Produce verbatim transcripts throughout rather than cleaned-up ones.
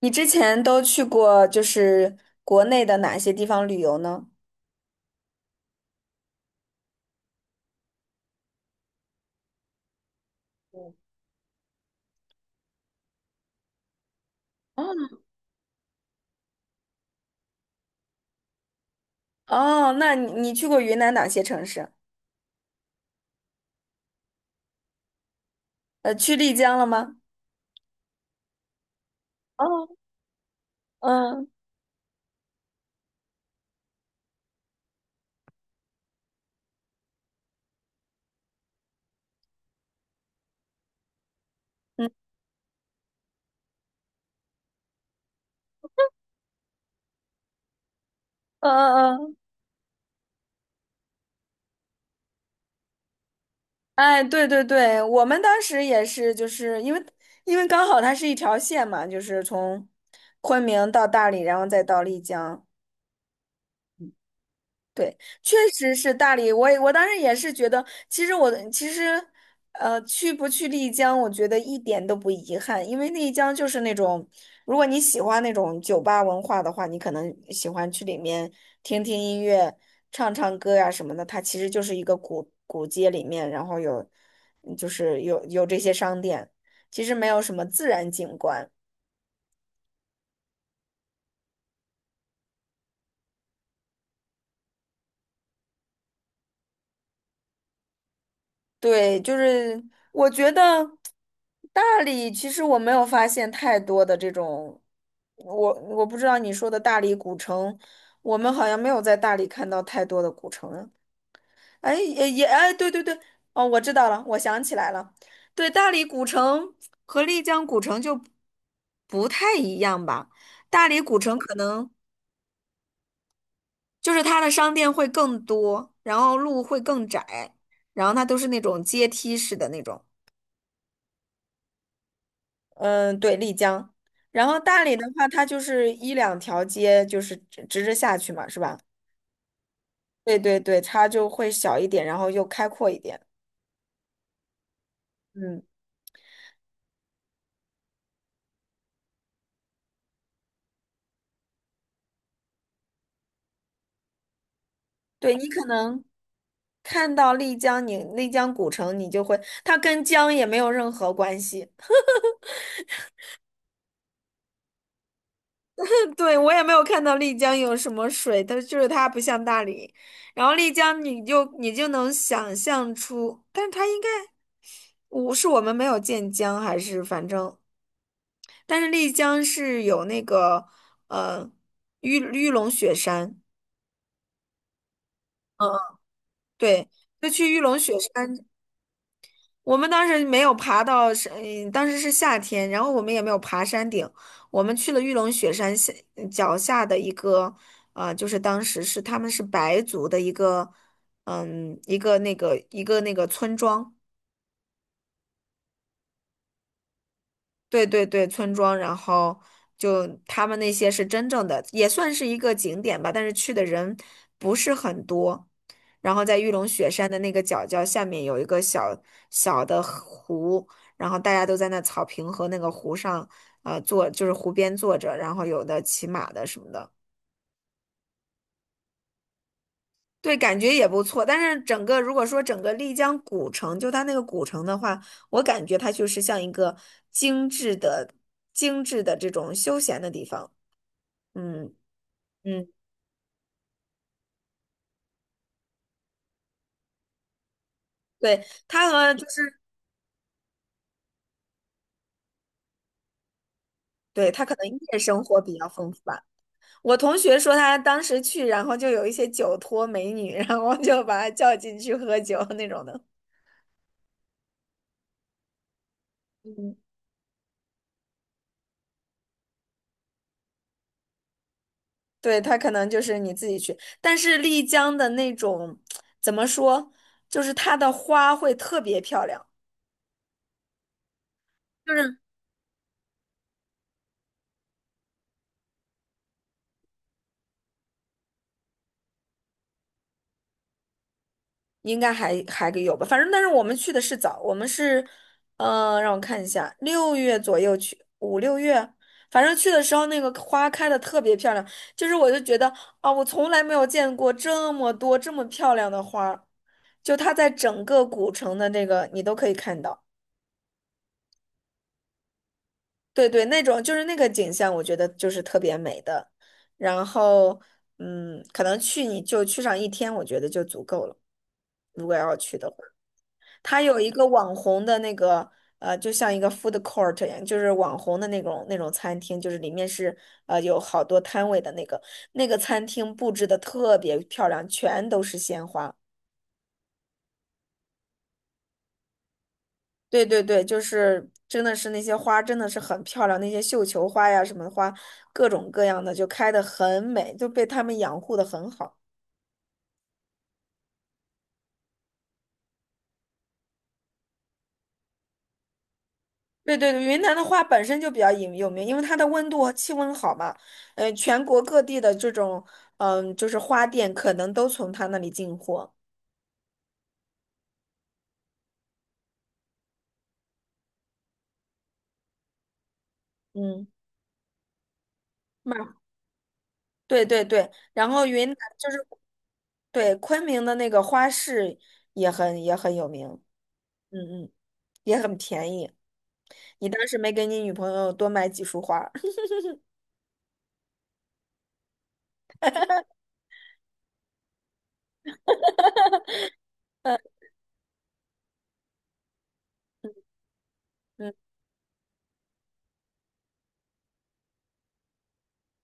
你之前都去过就是国内的哪些地方旅游呢？哦，那你你去过云南哪些城市？呃，去丽江了吗？哦。嗯嗯。嗯嗯嗯。哎，对对对，我们当时也是，就是因为因为刚好它是一条线嘛，就是从昆明到大理，然后再到丽江。对，确实是大理。我也我当时也是觉得，其实我其实，呃，去不去丽江，我觉得一点都不遗憾，因为丽江就是那种，如果你喜欢那种酒吧文化的话，你可能喜欢去里面听听音乐、唱唱歌呀、什么的。它其实就是一个古古街里面，然后有，嗯就是有有这些商店，其实没有什么自然景观。对，就是我觉得大理其实我没有发现太多的这种，我我不知道你说的大理古城，我们好像没有在大理看到太多的古城。哎，也也哎，对对对。哦，我知道了，我想起来了，对，大理古城和丽江古城就不太一样吧。大理古城可能就是它的商店会更多，然后路会更窄，然后它都是那种阶梯式的那种。嗯，对，丽江。然后大理的话，它就是一两条街，就是直直着下去嘛，是吧？对对对，它就会小一点，然后又开阔一点。嗯，对，你可能看到丽江，你丽江古城，你就会，它跟江也没有任何关系。对，我也没有看到丽江有什么水，它就是它不像大理。然后丽江，你就你就能想象出，但是它应该，我是我们没有见江，还是反正。但是丽江是有那个呃玉玉龙雪山。嗯。对，就去玉龙雪山。我们当时没有爬到山，嗯当时是夏天，然后我们也没有爬山顶，我们去了玉龙雪山下脚下的一个，呃，就是当时是他们是白族的一个，嗯，一个那个一个那个村庄。对对对，村庄，然后就他们那些是真正的，也算是一个景点吧，但是去的人不是很多。然后在玉龙雪山的那个角角下面有一个小小的湖，然后大家都在那草坪和那个湖上，呃，坐就是湖边坐着，然后有的骑马的什么的，对，感觉也不错。但是整个如果说整个丽江古城，就它那个古城的话，我感觉它就是像一个精致的、精致的这种休闲的地方。嗯嗯，对，他和就是对他可能夜生活比较丰富吧。我同学说他当时去，然后就有一些酒托美女，然后就把他叫进去喝酒那种的。嗯，对，他可能就是你自己去，但是丽江的那种怎么说，就是它的花会特别漂亮。就是。应该还还有吧，反正但是我们去的是早，我们是，呃，让我看一下，六月左右去，五六月，反正去的时候那个花开的特别漂亮，就是我就觉得啊，我从来没有见过这么多这么漂亮的花儿，就它在整个古城的那个你都可以看到，对对，那种就是那个景象，我觉得就是特别美的，然后嗯，可能去你就去上一天，我觉得就足够了。它有一个网红的那个呃，就像一个 food court 一样，就是网红的那种那种餐厅，就是里面是呃有好多摊位的那个那个餐厅布置的特别漂亮，全都是鲜花。对对对，就是真的是那些花真的是很漂亮，那些绣球花呀什么花，各种各样的就开的很美，就被他们养护的很好。对对对，云南的花本身就比较有有名，因为它的温度和气温好嘛，呃，全国各地的这种，嗯、就是花店可能都从他那里进货，嗯，卖，对对对，然后云南就是对昆明的那个花市也很也很有名，嗯嗯，也很便宜，你当时没给你女朋友多买几束花儿。嗯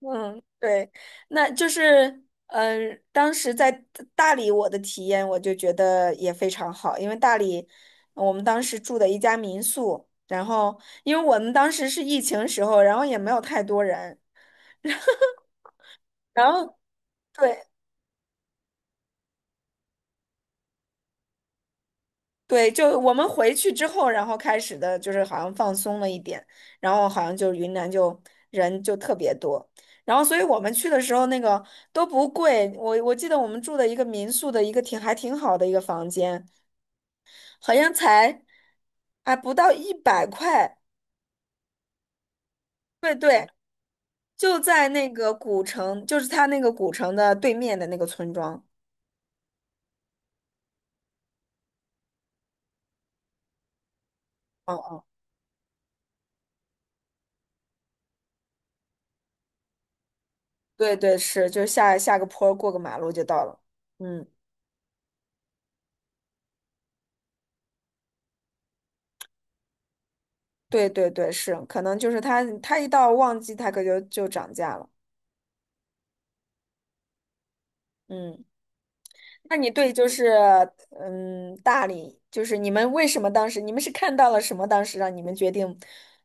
嗯，对，那就是，嗯、当时在大大理我的体验，我就觉得也非常好，因为大理呃我们当时住的一家民宿，然后因为我们当时是疫情时候，然后也没有太多人，然后对对，就我们回去之后，然后开始的就是好像放松了一点，然后好像就云南就人就特别多。然后，所以我们去的时候，那个都不贵。我我记得我们住的一个民宿的一个挺还挺好的一个房间，好像才啊不到一百块，对对，就在那个古城，就是他那个古城的对面的那个村庄。嗯嗯，对对是，就下下个坡儿过个马路就到了。嗯，对对对是，可能就是他他一到旺季，他可就就涨价了。嗯，那你对就是嗯大理，就是你们为什么当时你们是看到了什么，当时让你们决定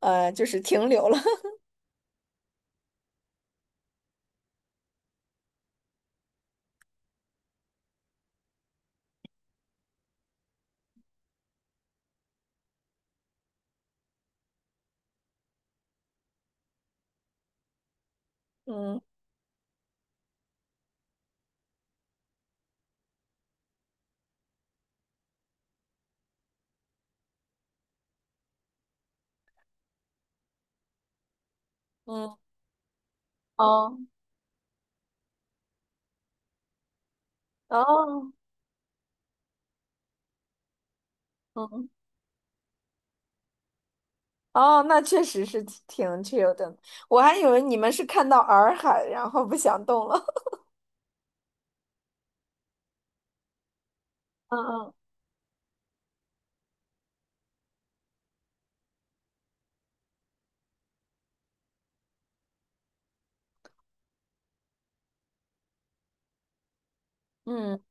呃就是停留了？嗯嗯。哦哦。嗯。哦，那确实是挺挺 chill 的。我还以为你们是看到洱海，然后不想动了。嗯嗯。嗯，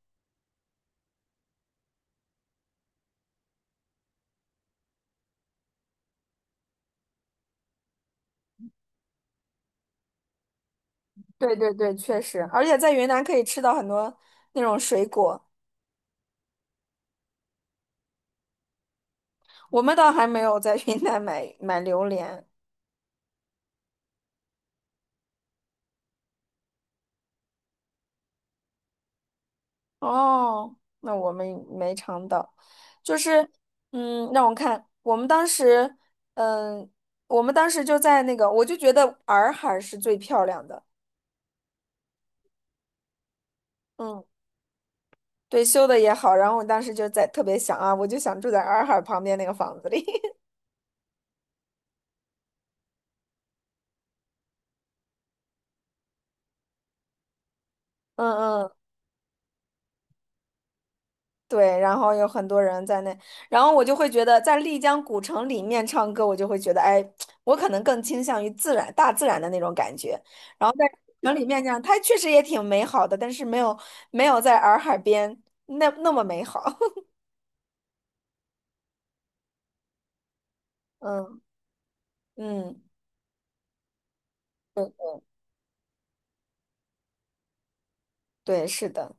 对对对，确实，而且在云南可以吃到很多那种水果。我们倒还没有在云南买买榴莲。哦，那我们没尝到。就是，嗯，让我看，我们当时，嗯，我们当时就在那个，我就觉得洱海是最漂亮的。嗯。对，修的也好，然后我当时就在特别想啊，我就想住在洱海旁边那个房子里。嗯嗯，对，然后有很多人在那，然后我就会觉得在丽江古城里面唱歌，我就会觉得，哎，我可能更倾向于自然、大自然的那种感觉。然后在城里面这样，它确实也挺美好的，但是没有没有在洱海边那那么美好。嗯嗯，对，是的。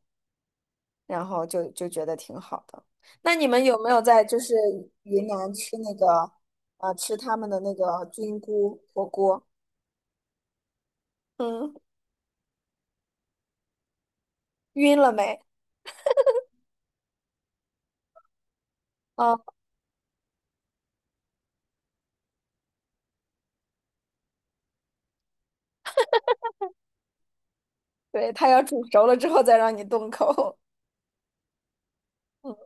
然后就就觉得挺好的。那你们有没有在就是云南吃那个啊吃他们的那个菌菇火锅？嗯，晕了没？啊，对，它要煮熟了之后再让你动口。嗯，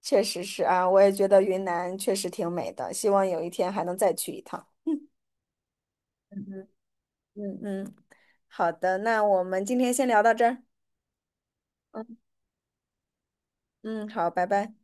确实是啊，我也觉得云南确实挺美的，希望有一天还能再去一趟。嗯嗯。嗯嗯，好的，那我们今天先聊到这儿。嗯嗯，好，拜拜。